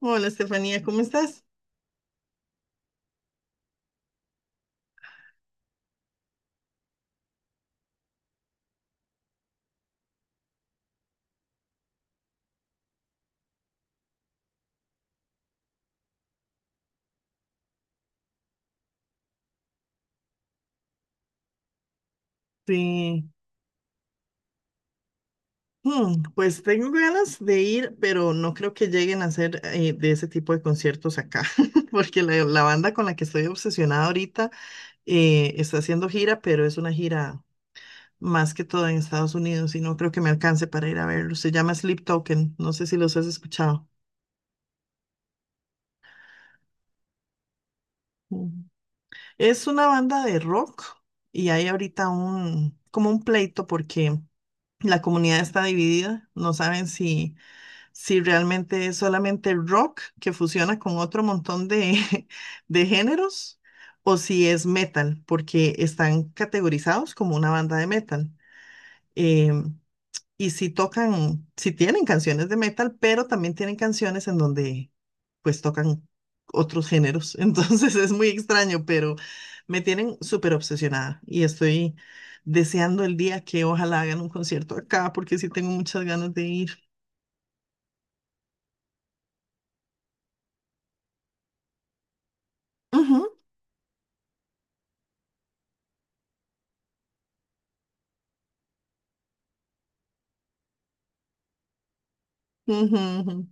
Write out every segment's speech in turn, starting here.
Hola, Estefanía, ¿cómo estás? Sí. Pues tengo ganas de ir, pero no creo que lleguen a hacer de ese tipo de conciertos acá, porque la banda con la que estoy obsesionada ahorita está haciendo gira, pero es una gira más que todo en Estados Unidos y no creo que me alcance para ir a verlo. Se llama Sleep Token, no sé si los has escuchado. Mm. Es una banda de rock y hay ahorita como un pleito porque la comunidad está dividida, no saben si si realmente es solamente rock que fusiona con otro montón de, de géneros, o si es metal, porque están categorizados como una banda de metal. Em, y si tocan, si tienen canciones de metal, pero también tienen canciones en donde pues tocan otros géneros. Entonces es muy extraño, pero me tienen súper obsesionada y estoy deseando el día que ojalá hagan un concierto acá, porque sí tengo muchas ganas de ir. Ujú, ujú, ujú.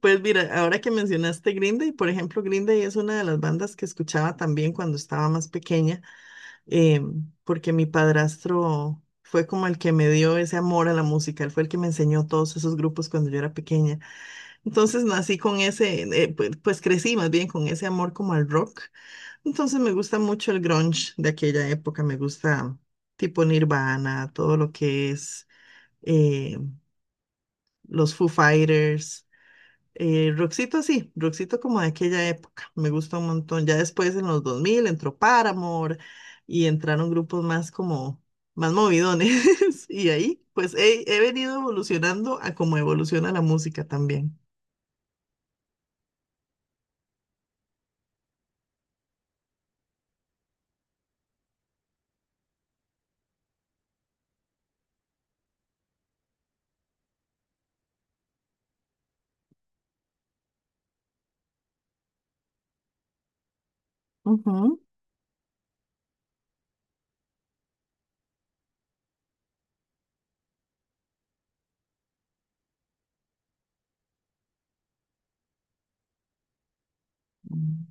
Pues mira, ahora que mencionaste Green Day, por ejemplo, Green Day es una de las bandas que escuchaba también cuando estaba más pequeña, eh, porque mi padrastro fue como el que me dio ese amor a la música, él fue el que me enseñó todos esos grupos cuando yo era pequeña. Entonces nací con ese, pues crecí más bien con ese amor como al rock. Entonces me gusta mucho el grunge de aquella época, me gusta tipo Nirvana, todo lo que es eh, los Foo Fighters. Roxito sí, Roxito como de aquella época, me gusta un montón. Ya después en los 2000 entró Paramore y entraron grupos más como, más movidones. Y ahí pues he venido evolucionando a como evoluciona la música también. Ujú. Mm.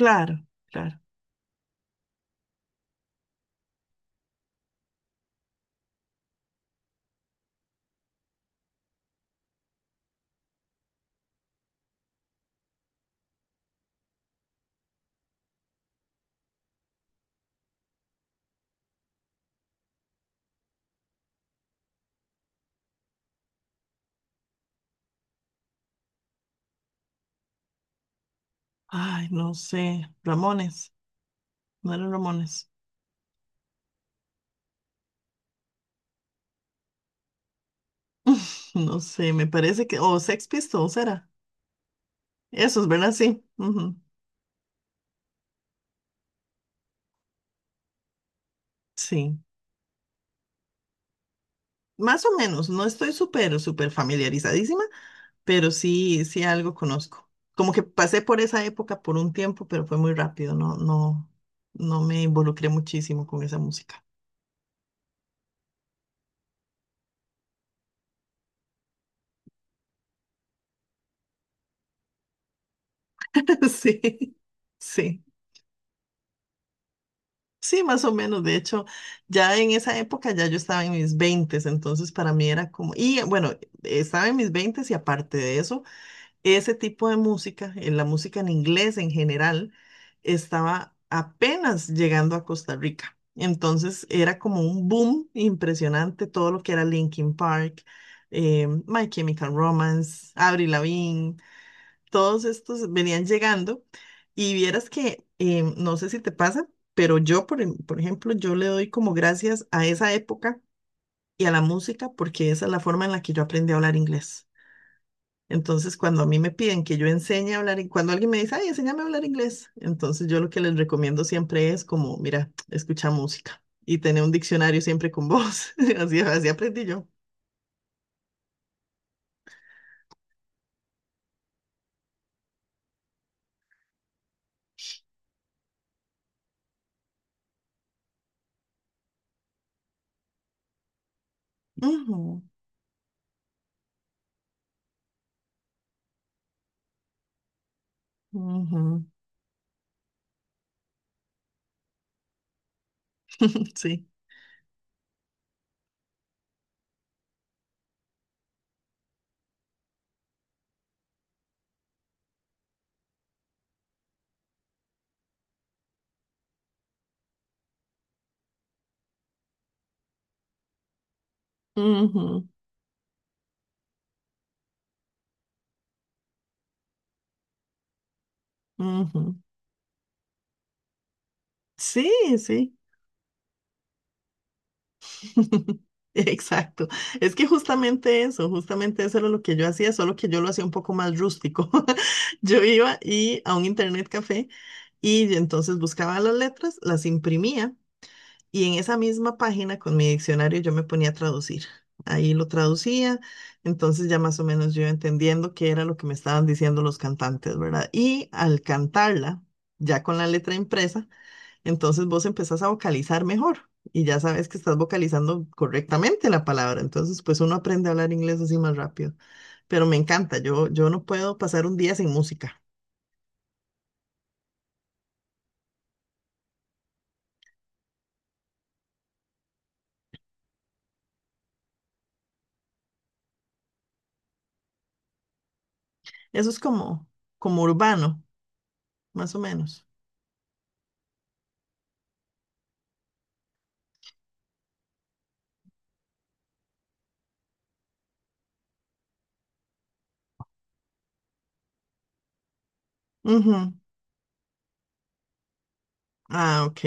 Claro, claro. Ay, no sé, Ramones, no eran Ramones. No sé, me parece que, o Sex Pistols era. Esos, ¿verdad? Sí. Ujú. Sí. Más o menos, no estoy súper, súper familiarizadísima, pero sí, sí algo conozco. Como que pasé por esa época por un tiempo, pero fue muy rápido, no, no, no me involucré muchísimo con esa música. Sí, sí, sí, más o menos. De hecho, ya en esa época ya yo estaba en mis veintes, entonces para mí era como, y bueno, estaba en mis veintes y aparte de eso ese tipo de música, en la música en inglés en general, estaba apenas llegando a Costa Rica. Entonces era como un boom impresionante todo lo que era Linkin Park, My Chemical Romance, Avril Lavigne, todos estos venían llegando. Y vieras que, no sé si te pasa, pero por ejemplo, yo le doy como gracias a esa época y a la música porque esa es la forma en la que yo aprendí a hablar inglés. Entonces, cuando a mí me piden que yo enseñe a hablar, cuando alguien me dice, ay, enséñame a hablar inglés, entonces yo lo que les recomiendo siempre es como, mira, escucha música y tener un diccionario siempre con vos. Así, así aprendí yo. Ujú, ujú. Sí. Ujú, ujú. Sí, sí. Exacto. Es que justamente eso era lo que yo hacía, solo que yo lo hacía un poco más rústico. Yo iba y a un internet café y entonces buscaba las letras, las imprimía y en esa misma página con mi diccionario yo me ponía a traducir. Ahí lo traducía, entonces ya más o menos yo iba entendiendo qué era lo que me estaban diciendo los cantantes, ¿verdad? Y al cantarla, ya con la letra impresa, entonces vos empezás a vocalizar mejor y ya sabes que estás vocalizando correctamente la palabra. Entonces, pues uno aprende a hablar inglés así más rápido. Pero me encanta, yo no puedo pasar un día sin música. Eso es como, como urbano, más o menos. Ujú. Ah, ok,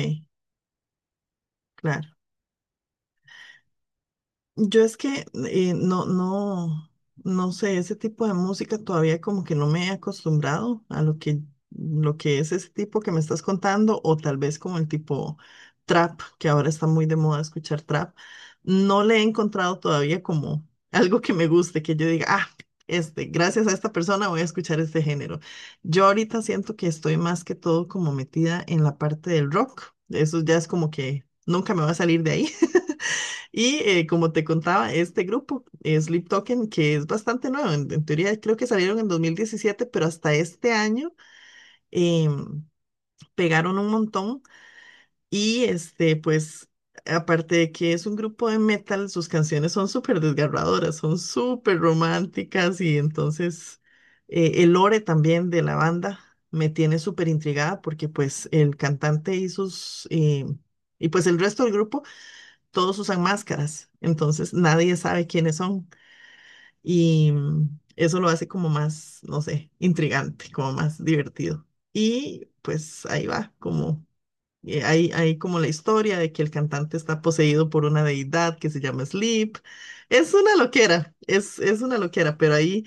claro. Yo es que eh, no, no, no sé, ese tipo de música todavía como que no me he acostumbrado a lo que es ese tipo que me estás contando, o tal vez como el tipo trap, que ahora está muy de moda escuchar trap. No le he encontrado todavía como algo que me guste, que yo diga, ah, este, gracias a esta persona voy a escuchar este género. Yo ahorita siento que estoy más que todo como metida en la parte del rock. Eso ya es como que nunca me va a salir de ahí. Y como te contaba, este grupo, Sleep Token, que es bastante nuevo, en teoría creo que salieron en 2017, pero hasta este año em, pegaron un montón. Y este, pues, aparte de que es un grupo de metal, sus canciones son súper desgarradoras, son súper románticas y entonces el lore también de la banda me tiene súper intrigada porque pues el cantante y sus... y pues el resto del grupo todos usan máscaras, entonces nadie sabe quiénes son y mm, eso lo hace como más, no sé, intrigante, como más divertido. Y pues ahí va, como hay como la historia de que el cantante está poseído por una deidad que se llama Sleep. Es una loquera, es una loquera, pero ahí,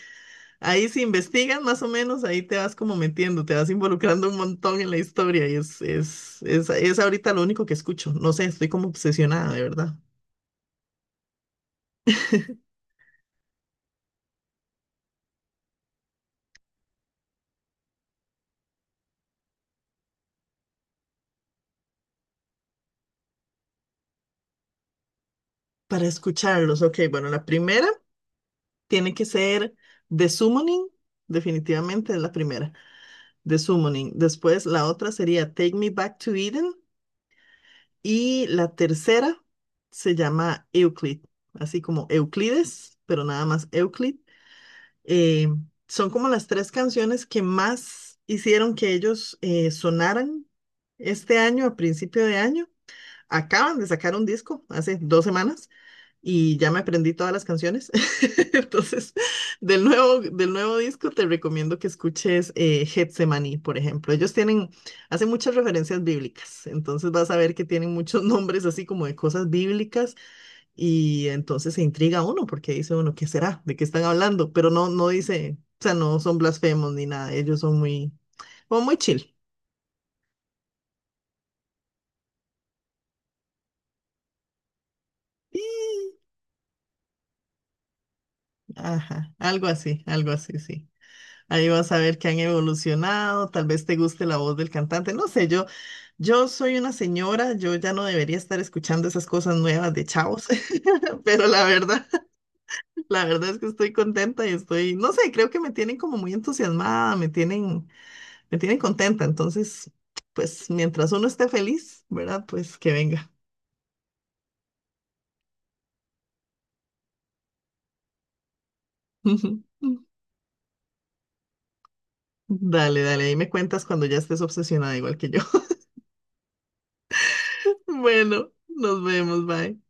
ahí si investigas más o menos, ahí te vas como metiendo, te vas involucrando un montón en la historia y es ahorita lo único que escucho. No sé, estoy como obsesionada, de verdad. Para escucharlos, ok, bueno, la primera tiene que ser The Summoning, definitivamente es la primera, The Summoning. Después la otra sería Take Me Back to Eden y la tercera se llama Euclid, así como Euclides, pero nada más Euclid. Eh, son como las tres canciones que más hicieron que ellos sonaran este año, a principio de año. Acaban de sacar un disco hace 2 semanas. Y ya me aprendí todas las canciones. Entonces, del nuevo disco te recomiendo que escuches Getsemaní, por ejemplo. Ellos tienen, hacen muchas referencias bíblicas, entonces vas a ver que tienen muchos nombres así como de cosas bíblicas y entonces se intriga uno porque dice uno, ¿qué será? ¿De qué están hablando? Pero no, no dice, o sea, no son blasfemos ni nada, ellos son muy, como muy chill. Y- Ajá, algo así, sí. Ahí vas a ver que han evolucionado, tal vez te guste la voz del cantante, no sé, yo soy una señora, yo ya no debería estar escuchando esas cosas nuevas de chavos, pero la verdad, la verdad es que estoy contenta y estoy, no sé, creo que me tienen como muy entusiasmada, me tienen contenta, entonces, pues mientras uno esté feliz, ¿verdad? Pues que venga. Dale, dale, ahí me cuentas cuando ya estés obsesionada igual que yo. Bueno, nos vemos, bye.